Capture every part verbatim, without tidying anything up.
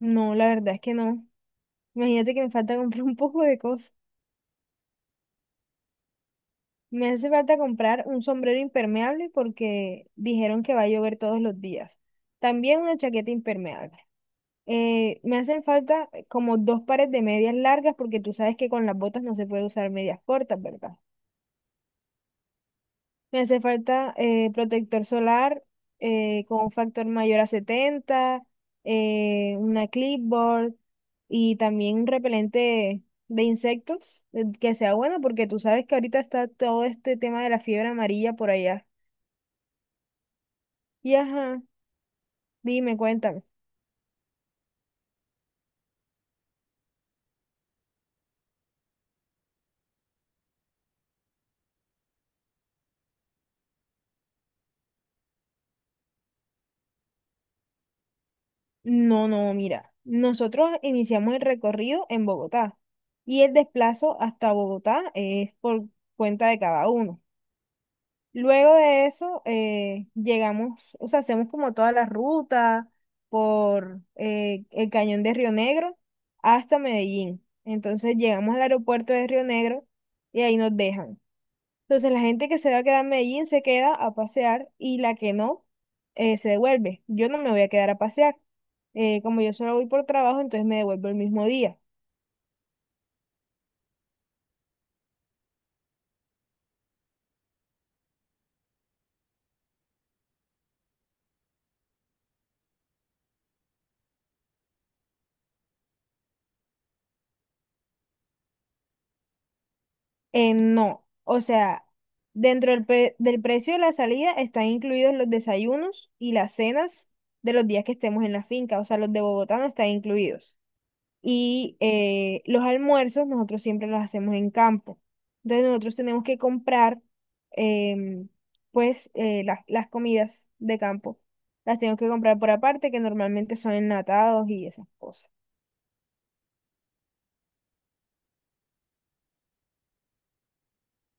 No, la verdad es que no. Imagínate que me falta comprar un poco de cosas. Me hace falta comprar un sombrero impermeable porque dijeron que va a llover todos los días. También una chaqueta impermeable. Eh, me hacen falta eh, como dos pares de medias largas porque tú sabes que con las botas no se puede usar medias cortas, ¿verdad? Me hace falta eh, protector solar, eh, con un factor mayor a setenta, eh, una clipboard y también un repelente de insectos eh, que sea bueno porque tú sabes que ahorita está todo este tema de la fiebre amarilla por allá. Y ajá, dime, cuéntame. No, no, mira, nosotros iniciamos el recorrido en Bogotá y el desplazo hasta Bogotá es por cuenta de cada uno. Luego de eso, eh, llegamos, o sea, hacemos como toda la ruta por eh, el cañón de Río Negro hasta Medellín. Entonces llegamos al aeropuerto de Río Negro y ahí nos dejan. Entonces la gente que se va a quedar en Medellín se queda a pasear y la que no eh, se devuelve. Yo no me voy a quedar a pasear. Eh, como yo solo voy por trabajo, entonces me devuelvo el mismo día. Eh, no, o sea, dentro del, pe- del precio de la salida están incluidos los desayunos y las cenas de los días que estemos en la finca, o sea, los de Bogotá no están incluidos. Y eh, los almuerzos nosotros siempre los hacemos en campo. Entonces nosotros tenemos que comprar, em, pues, eh, las las comidas de campo. Las tenemos que comprar por aparte, que normalmente son enlatados y esas cosas.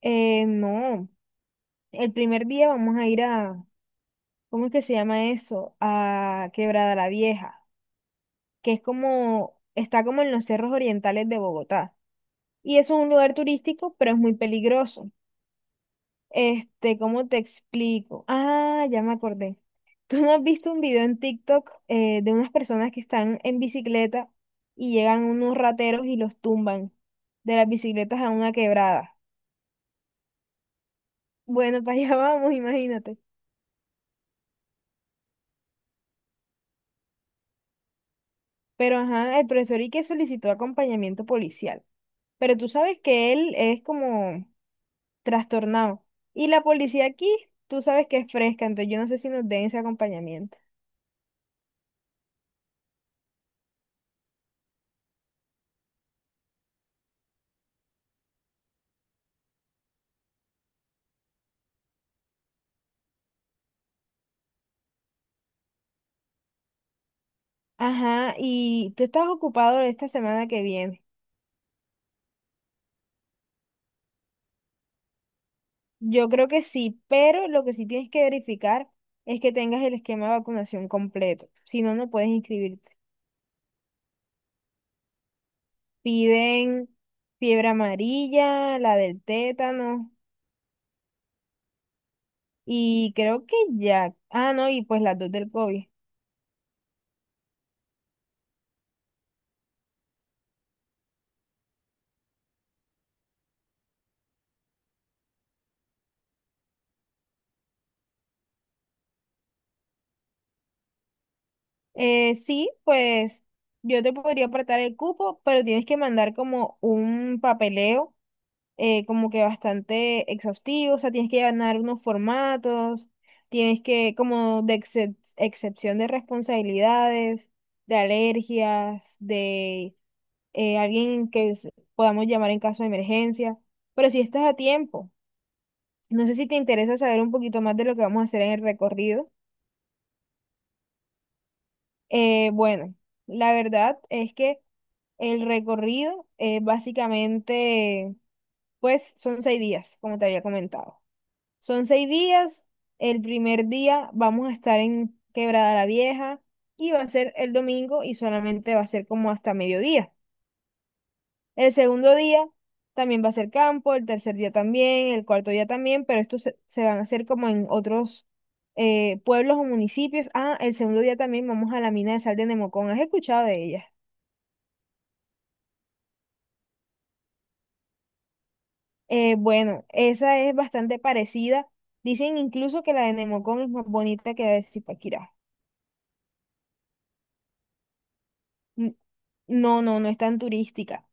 Eh, no, el primer día vamos a ir a ¿cómo es que se llama eso? A Quebrada la Vieja, que es como, está como en los cerros orientales de Bogotá. Y eso es un lugar turístico, pero es muy peligroso. Este, ¿cómo te explico? Ah, ya me acordé. ¿Tú no has visto un video en TikTok, eh, de unas personas que están en bicicleta y llegan unos rateros y los tumban de las bicicletas a una quebrada? Bueno, para allá vamos, imagínate. Pero ajá, el profesor Ique solicitó acompañamiento policial. Pero tú sabes que él es como trastornado. Y la policía aquí, tú sabes que es fresca, entonces yo no sé si nos den ese acompañamiento. Ajá, y tú estás ocupado esta semana que viene. Yo creo que sí, pero lo que sí tienes que verificar es que tengas el esquema de vacunación completo. Si no, no puedes inscribirte. Piden fiebre amarilla, la del tétano y creo que ya. Ah, no, y pues las dos del COVID. Eh, sí, pues yo te podría apartar el cupo, pero tienes que mandar como un papeleo, eh, como que bastante exhaustivo, o sea, tienes que llenar unos formatos, tienes que, como de excep- excepción de responsabilidades, de alergias, de eh, alguien que s- podamos llamar en caso de emergencia, pero si estás a tiempo. No sé si te interesa saber un poquito más de lo que vamos a hacer en el recorrido. Eh, bueno, la verdad es que el recorrido eh, básicamente, pues son seis días, como te había comentado. Son seis días. El primer día vamos a estar en Quebrada la Vieja y va a ser el domingo y solamente va a ser como hasta mediodía. El segundo día también va a ser campo, el tercer día también, el cuarto día también, pero estos se, se van a hacer como en otros eh, pueblos o municipios. Ah, el segundo día también vamos a la mina de sal de Nemocón. ¿Has escuchado de ella? Eh, bueno, esa es bastante parecida. Dicen incluso que la de Nemocón es más bonita que la de Zipaquirá. N- No, no, no es tan turística.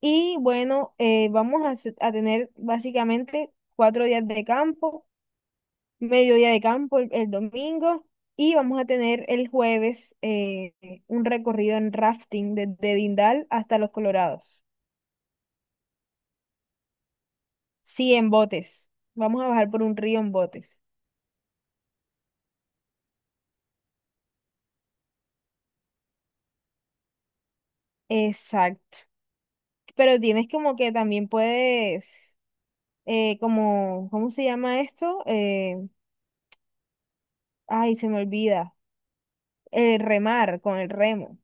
Y bueno, eh, vamos a, hacer- a tener básicamente cuatro días de campo, mediodía de campo el, el domingo y vamos a tener el jueves eh, un recorrido en rafting desde Dindal hasta Los Colorados. Sí, en botes. Vamos a bajar por un río en botes. Exacto. Pero tienes como que también puedes, eh, como, ¿cómo se llama esto? Eh, ay, se me olvida. El remar con el remo.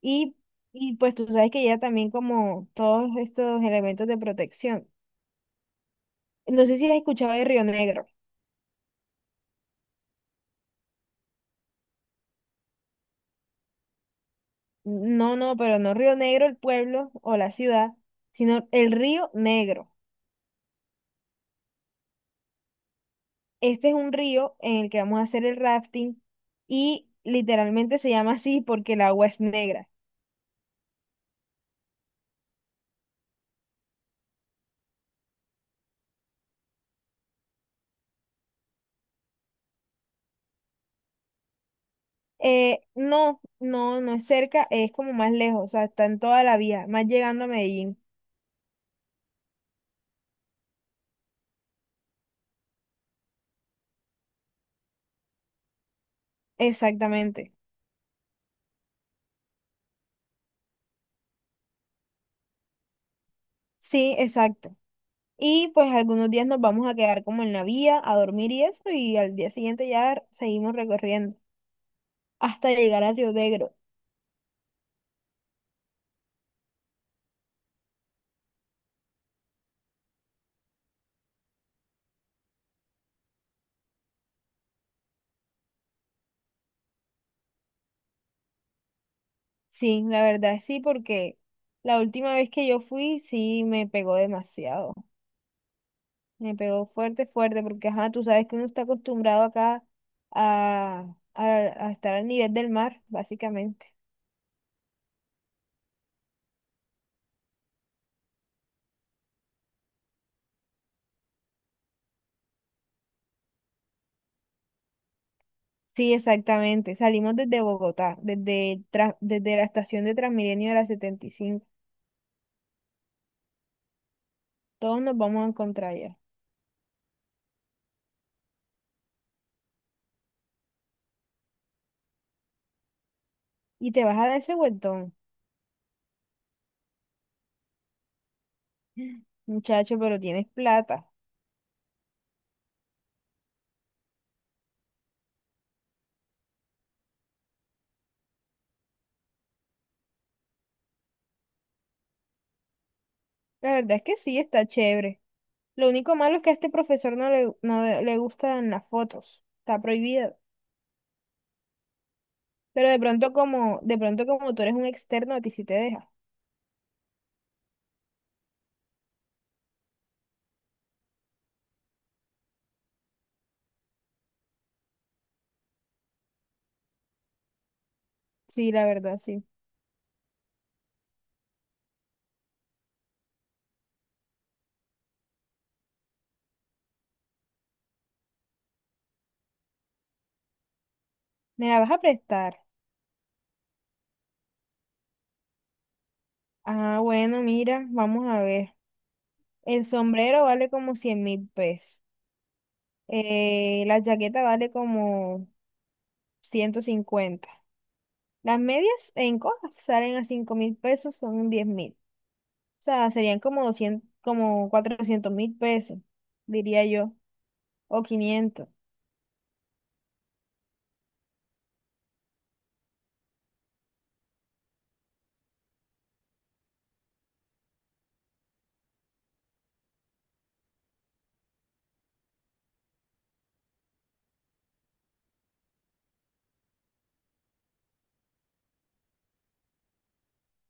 Y, y pues tú sabes que ya también como todos estos elementos de protección. No sé si has escuchado de Río Negro. No, no, pero no Río Negro el pueblo o la ciudad, sino el Río Negro. Este es un río en el que vamos a hacer el rafting y literalmente se llama así porque el agua es negra. Eh, no, no, no es cerca, es como más lejos, o sea, está en toda la vía, más llegando a Medellín. Exactamente. Sí, exacto. Y pues algunos días nos vamos a quedar como en la vía a dormir y eso, y al día siguiente ya seguimos recorriendo hasta llegar a Río Negro. Sí, la verdad sí, porque la última vez que yo fui sí me pegó demasiado. Me pegó fuerte, fuerte, porque ajá, tú sabes que uno está acostumbrado acá a, a, a estar al nivel del mar, básicamente. Sí, exactamente. Salimos desde Bogotá, desde, el tra- desde la estación de Transmilenio de la setenta y cinco. Todos nos vamos a encontrar allá. Y te vas a dar ese vueltón. Muchacho, pero tienes plata. La verdad es que sí, está chévere. Lo único malo es que a este profesor no le, no le gustan las fotos. Está prohibido. Pero de pronto como, de pronto como tú eres un externo, a ti sí te deja. Sí, la verdad, sí. ¿Me la vas a prestar? Ah, bueno, mira, vamos a ver. El sombrero vale como cien mil pesos. Eh, la chaqueta vale como ciento cincuenta. Las medias en cosas salen a cinco mil pesos, son diez mil. O sea, serían como doscientos, como cuatrocientos mil pesos, diría yo, o quinientos.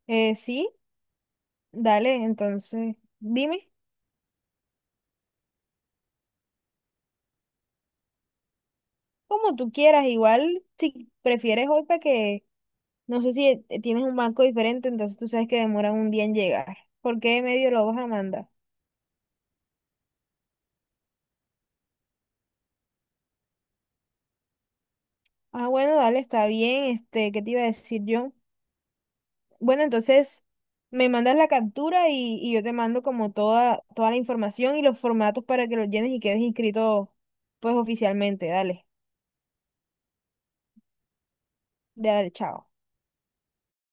Eh, sí, dale, entonces, dime como tú quieras. Igual si prefieres hoy, para que, no sé si eh, tienes un banco diferente, entonces tú sabes que demoran un día en llegar. ¿Por qué medio lo vas a mandar? Ah, bueno, dale, está bien, este, ¿qué te iba a decir yo? Bueno, entonces me mandas la captura y, y yo te mando como toda, toda la información y los formatos para que los llenes y quedes inscrito pues oficialmente. Dale, dale, chao.